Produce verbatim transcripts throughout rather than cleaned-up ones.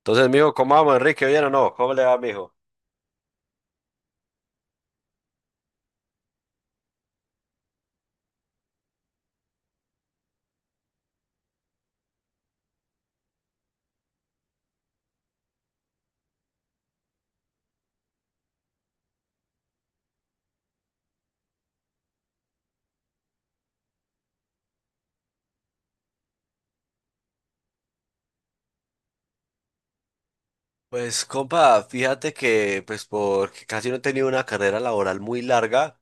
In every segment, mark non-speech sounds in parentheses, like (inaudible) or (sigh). Entonces, mijo, ¿cómo vamos, Enrique? ¿Bien o no? ¿Cómo le va, mijo? Pues compa, fíjate que pues porque casi no he tenido una carrera laboral muy larga,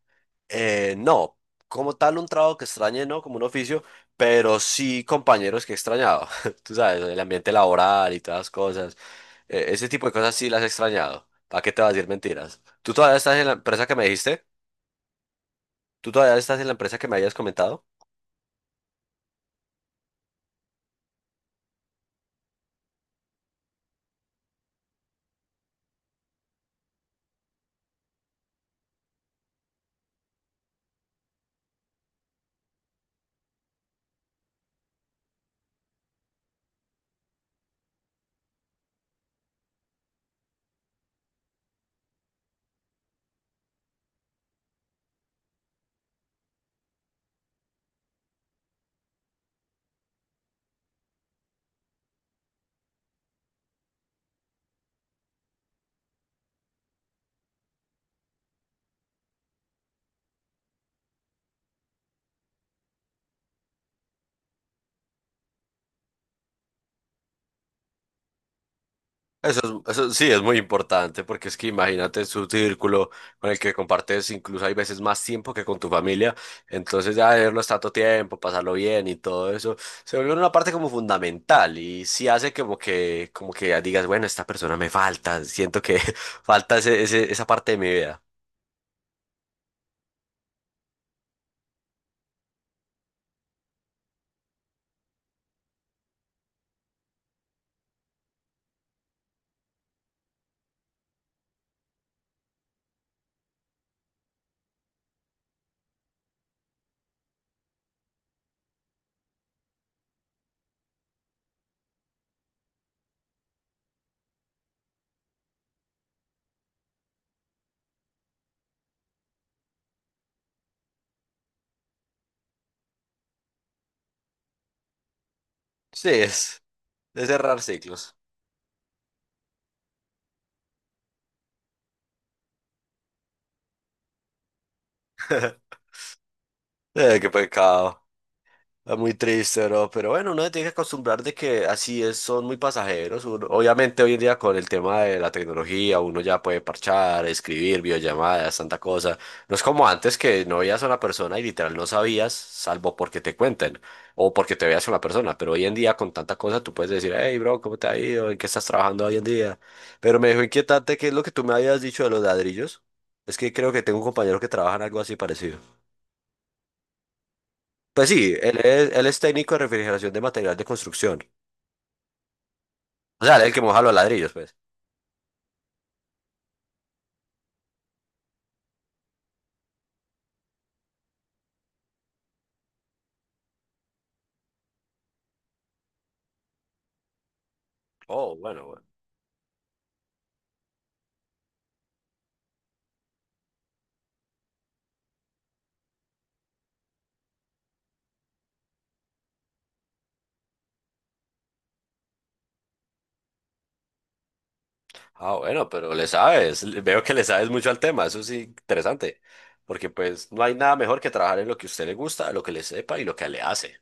eh, no, como tal un trabajo que extrañe, ¿no? Como un oficio, pero sí compañeros que he extrañado, (laughs) tú sabes, el ambiente laboral y todas las cosas, eh, ese tipo de cosas sí las he extrañado, ¿para qué te vas a decir mentiras? ¿Tú todavía estás en la empresa que me dijiste? ¿Tú todavía estás en la empresa que me habías comentado? Eso, es- eso sí es muy importante porque es que imagínate su círculo con el que compartes incluso hay veces más tiempo que con tu familia, entonces ya verlos tanto tiempo, pasarlo bien y todo eso, se vuelve una parte como fundamental y sí hace como que, como que ya digas, bueno, esta persona me falta, siento que (laughs) falta ese, ese- esa parte de mi vida. Sí, es, es cerrar ciclos. (laughs) Eh, qué pecado. Ah, muy triste, bro, pero bueno, uno se tiene que acostumbrar de que así es, son muy pasajeros. Uno- obviamente hoy en día con el tema de la tecnología, uno ya puede parchar, escribir, videollamadas, tanta cosa. No es como antes que no veías a una persona y literal no sabías, salvo porque te cuenten o porque te veas a una persona. Pero hoy en día con tanta cosa tú puedes decir, hey, bro, ¿cómo te ha ido? ¿En qué estás trabajando hoy en día? Pero me dejó inquietante qué es lo que tú me habías dicho de los ladrillos. Es que creo que tengo un compañero que trabaja en algo así parecido. Pues sí, él es, él es técnico de refrigeración de material de construcción. O sea, el que moja los ladrillos, pues. Oh, bueno, bueno. Ah, bueno, pero le sabes. le- Veo que le sabes mucho al tema. Eso sí, interesante. Porque pues no hay nada mejor que trabajar en lo que a usted le gusta, lo que le sepa y lo que le hace.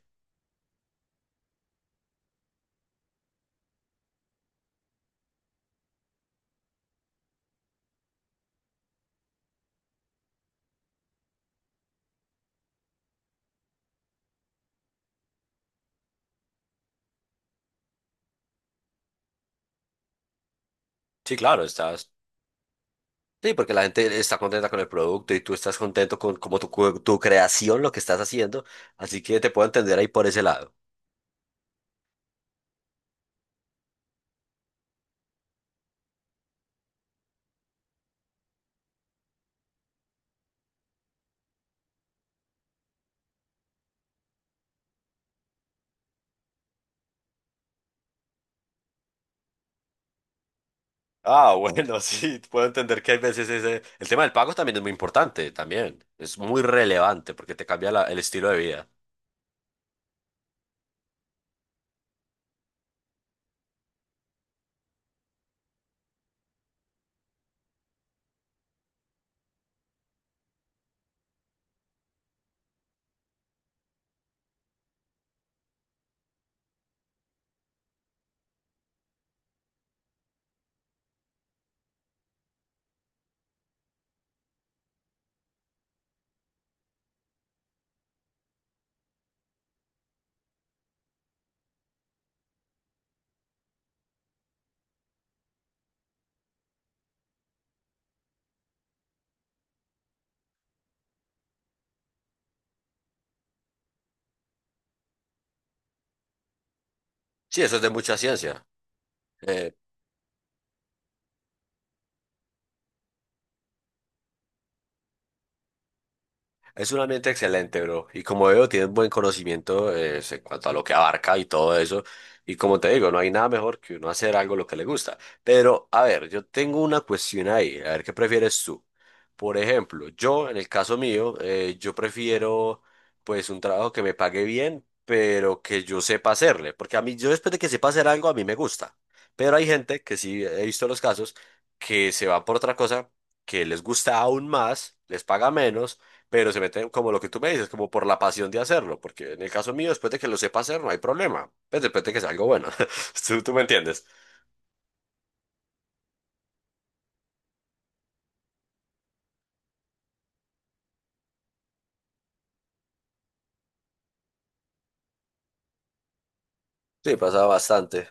Sí, claro, estás. Sí, porque la gente está contenta con el producto y tú estás contento con como tu, cu- tu creación, lo que estás haciendo. Así que te puedo entender ahí por ese lado. Ah, bueno, (laughs) sí, puedo entender que hay veces ese El tema del pago también es muy importante, también. Es muy relevante porque te cambia la- el estilo de vida. Sí, eso es de mucha ciencia. Eh, Es un ambiente excelente, bro. Y como veo, tienes buen conocimiento eh, en cuanto a lo que abarca y todo eso. Y como te digo, no hay nada mejor que uno hacer algo lo que le gusta. Pero, a ver, yo tengo una cuestión ahí. A ver, ¿qué prefieres tú? Por ejemplo, yo, en el caso mío, eh, yo prefiero pues un trabajo que me pague bien, pero que yo sepa hacerle. Porque a mí, yo después de que sepa hacer algo, a mí me gusta. Pero hay gente que sí, he visto los casos, que se va por otra cosa que les gusta aún más, les paga menos pero se meten como lo que tú me dices, como por la pasión de hacerlo, porque en el caso mío, después de que lo sepa hacer, no hay problema, pues después de que sea algo bueno, (laughs) tú, tú me entiendes. Sí, pasa bastante.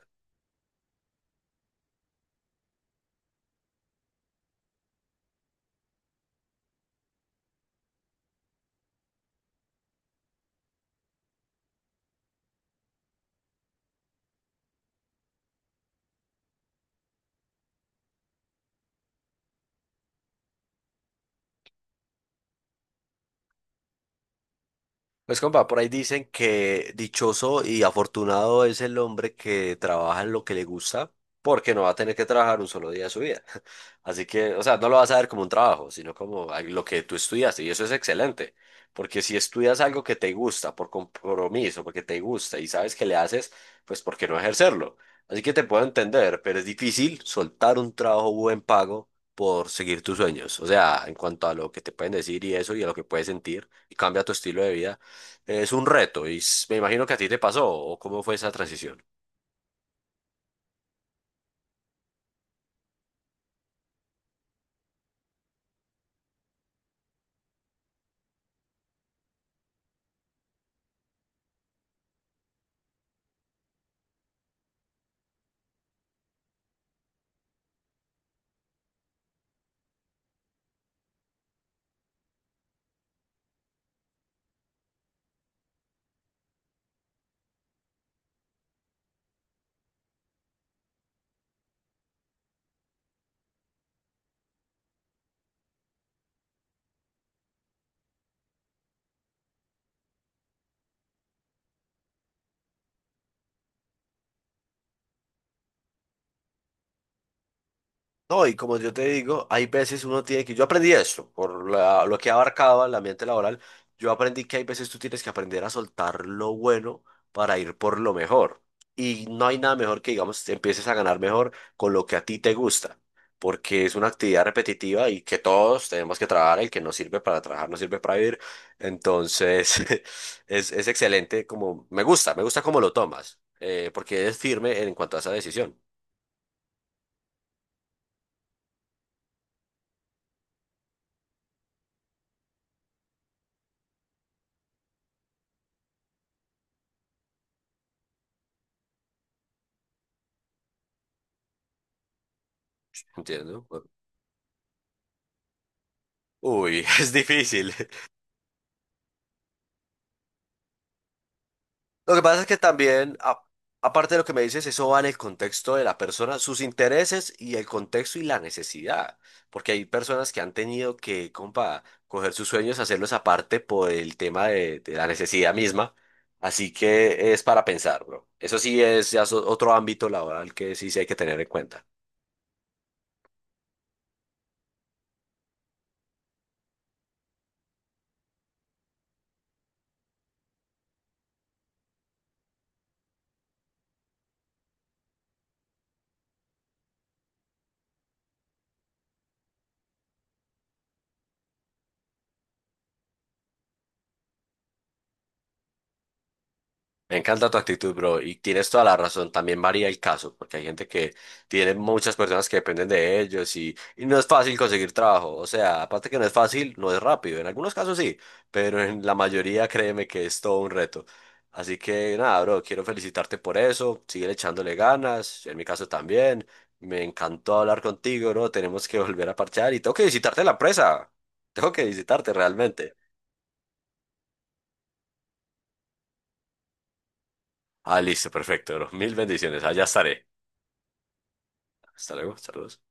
Pues compa, por ahí dicen que dichoso y afortunado es el hombre que trabaja en lo que le gusta porque no va a tener que trabajar un solo día de su vida. (laughs) Así que, o sea, no lo vas a ver como un trabajo, sino como al- lo que tú estudiaste y eso es excelente, porque si estudias algo que te gusta por compromiso, porque te gusta y sabes que le haces, pues ¿por qué no ejercerlo? Así que te puedo entender, pero es difícil soltar un trabajo buen pago por seguir tus sueños. O sea, en cuanto a lo que te pueden decir y eso y a lo que puedes sentir y cambia tu estilo de vida. Es un reto y s- me imagino que a ti te pasó o cómo fue esa transición. No, y como yo te digo, hay veces uno tiene que, yo aprendí eso, por la- lo que abarcaba el ambiente laboral, yo aprendí que hay veces tú tienes que aprender a soltar lo bueno para ir por lo mejor. Y no hay nada mejor que, digamos, empieces a ganar mejor con lo que a ti te gusta, porque es una actividad repetitiva y que todos tenemos que trabajar, el que no sirve para trabajar no sirve para vivir. Entonces, (laughs) es, es excelente, como, me gusta, me gusta cómo lo tomas, eh, porque es firme en cuanto a esa decisión, ¿entiendes? Uy, (laughs) es difícil. Lo que pasa es que también, a- aparte de lo que me dices, eso va en el contexto de la persona, sus intereses y el contexto y la necesidad. Porque hay personas que han tenido que, compa, coger sus sueños, hacerlos aparte por el tema de, de la necesidad misma. Así que es para pensar, bro. Eso sí es ya so- otro ámbito laboral que sí se hay que tener en cuenta. Me encanta tu actitud, bro, y tienes toda la razón. También varía el caso, porque hay gente que tiene muchas personas que dependen de ellos y, y no es fácil conseguir trabajo. O sea, aparte que no es fácil, no es rápido. En algunos casos sí, pero en la mayoría créeme que es todo un reto. Así que nada, bro, quiero felicitarte por eso. Sigue echándole ganas, en mi caso también. Me encantó hablar contigo, bro. Tenemos que volver a parchar y tengo que visitarte en la presa. Tengo que visitarte realmente. Ah, listo, perfecto, bro. Mil bendiciones. Allá estaré. Hasta luego, saludos.